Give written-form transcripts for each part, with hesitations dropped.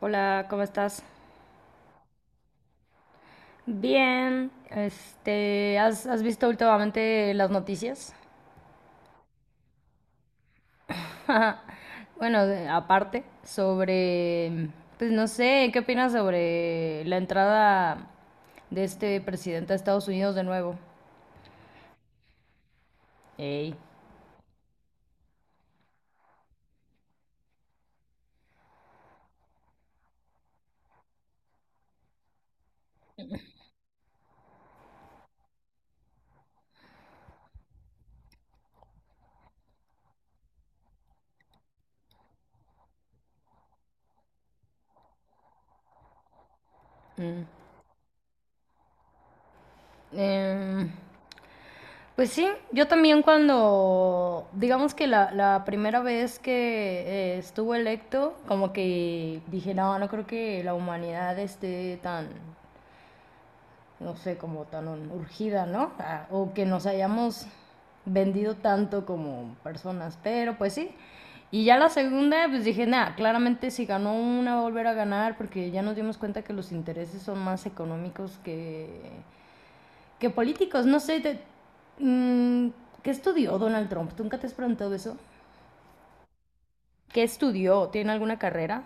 Hola, ¿cómo estás? Bien, ¿has visto últimamente las noticias? Bueno, aparte, sobre no sé, ¿qué opinas sobre la entrada de este presidente a Estados Unidos de nuevo? Ey. Mm. Em, pues sí, yo también cuando, digamos que la primera vez que estuvo electo, como que dije, no, no creo que la humanidad esté tan no sé, como tan urgida, ¿no? O que nos hayamos vendido tanto como personas, pero pues sí. Y ya la segunda, pues dije, nada, claramente si ganó una va a volver a ganar porque ya nos dimos cuenta que los intereses son más económicos que políticos. No sé, mm, ¿qué estudió Donald Trump? ¿Tú nunca te has preguntado eso? ¿Qué estudió? ¿Tiene alguna carrera?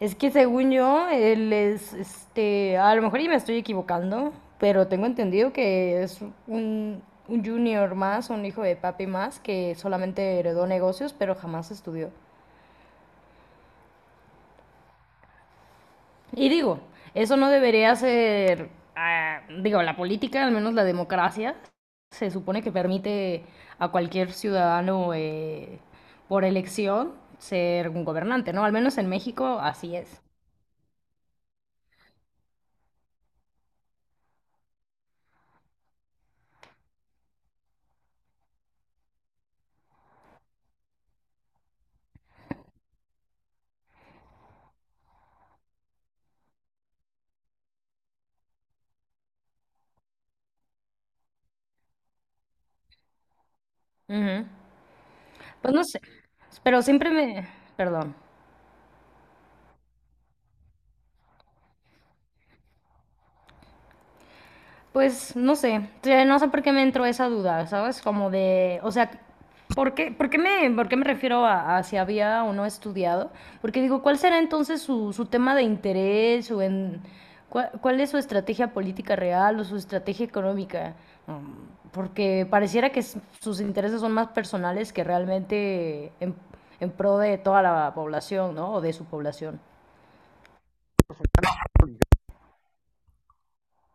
Es que según yo, él es, este, a lo mejor y me estoy equivocando, pero tengo entendido que es un, un junior más, un hijo de papi más, que solamente heredó negocios, pero jamás estudió. Y digo, eso no debería ser, ah, digo, la política, al menos la democracia, se supone que permite a cualquier ciudadano por elección ser un gobernante, ¿no? Al menos en México así es. Ujú. Pues no sé, pero siempre me... Perdón. Pues no sé, no sé por qué me entró esa duda, ¿sabes? Como de, o sea, por qué me refiero a si había o no estudiado? Porque digo, ¿cuál será entonces su tema de interés o en... ¿Cuál es su estrategia política real o su estrategia económica? Mm, porque pareciera que sus intereses son más personales que realmente en pro de toda la población, ¿no? O de su población.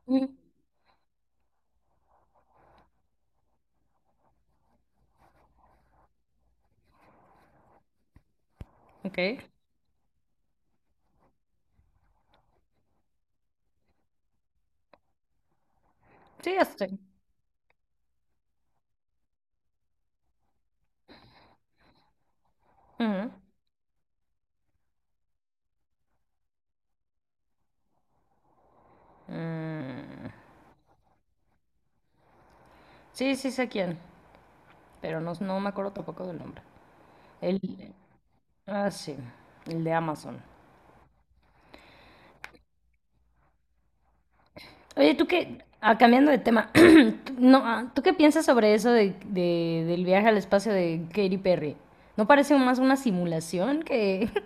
Mm, ok. Sí, ya estoy. Ujú. Mm, sí, sí sé quién, pero no, no me acuerdo tampoco del nombre. El, ah, sí, el de Amazon. Oye, ¿tú qué? Ah, cambiando de tema, tú- no, ah, ¿tú qué piensas sobre eso de, del viaje al espacio de Katy Perry? ¿No parece más una simulación que...?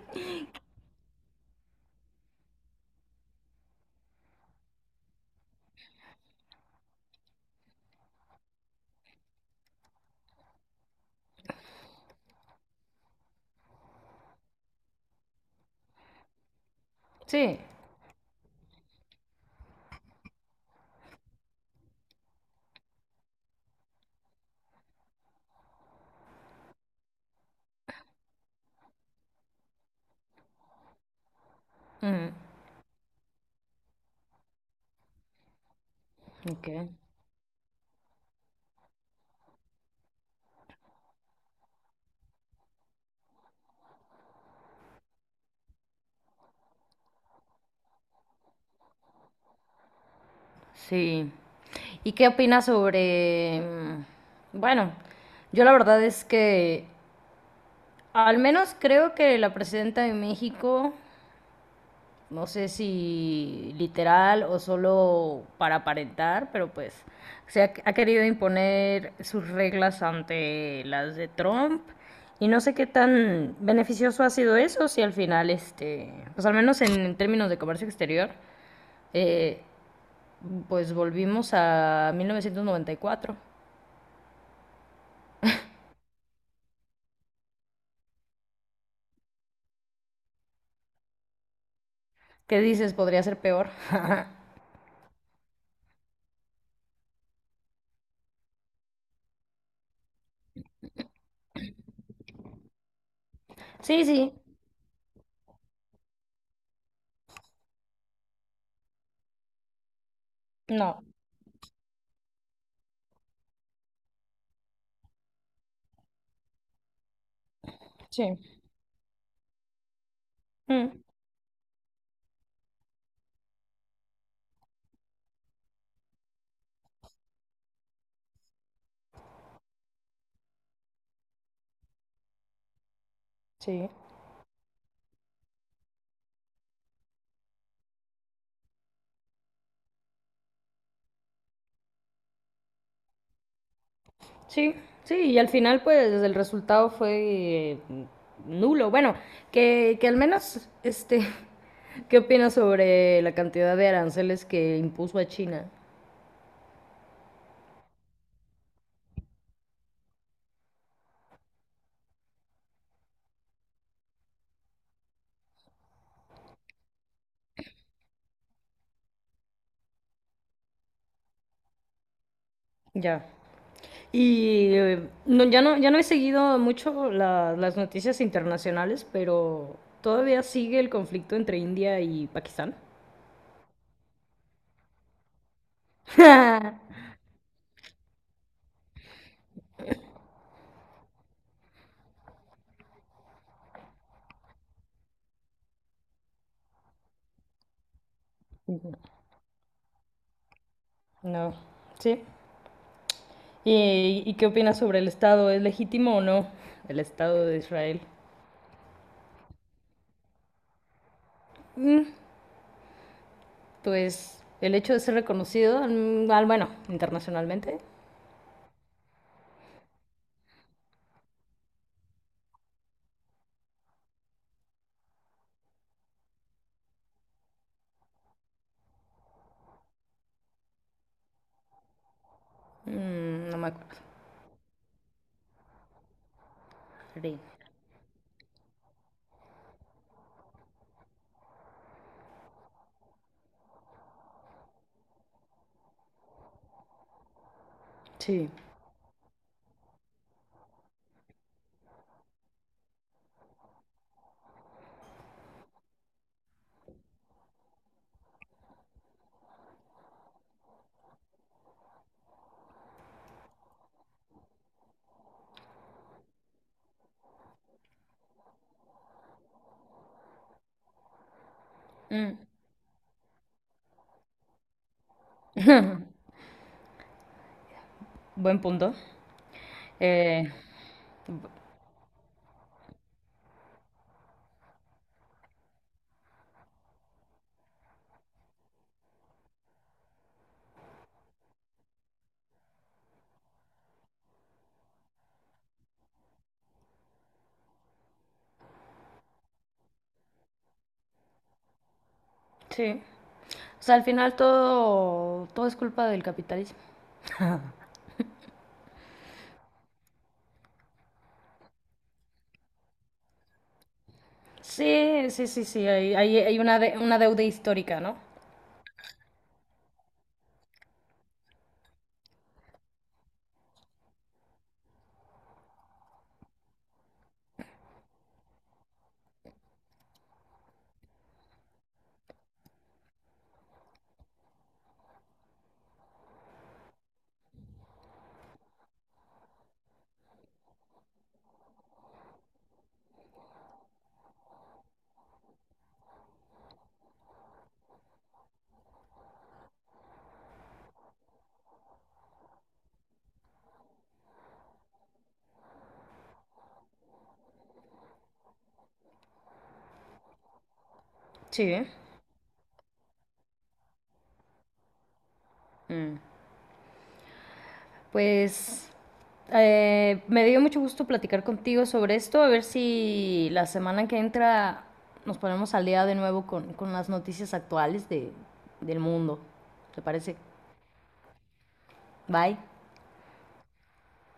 Sí. Ujú. Ok. Sí. ¿Y qué opinas sobre... mm, bueno, yo la verdad es que al menos creo que la presidenta de México no sé si literal o solo para aparentar, pero pues se ha, ha querido imponer sus reglas ante las de Trump. Y no sé qué tan beneficioso ha sido eso, si al final, este, pues al menos en términos de comercio exterior, eh, pues volvimos a 1994. ¿Qué dices? Podría ser peor. Sí, sí. No. Sí. Mm, sí. Sí, sí, y al final pues el resultado fue nulo. Bueno, que al menos, este, ¿qué opinas sobre la cantidad de aranceles que impuso a China? Ya. Y no, ya no, ya no he seguido mucho las noticias internacionales, pero todavía sigue el conflicto entre India y Pakistán. No, sí. ¿Y qué opinas sobre el Estado? ¿Es legítimo o no el Estado de Israel? Mm, pues el hecho de ser reconocido, mm, bueno, internacionalmente, mm, no me acuerdo. Sí. Sí, mm, buen punto. Eh, sí. O sea, al final todo, todo es culpa del capitalismo. Sí, sí, sí, sí, hay, hay una, una deuda histórica, ¿no? Sí. Mm. Pues me dio mucho gusto platicar contigo sobre esto, a ver si la semana que entra nos ponemos al día de nuevo con las noticias actuales de, del mundo. ¿Te parece? Bye.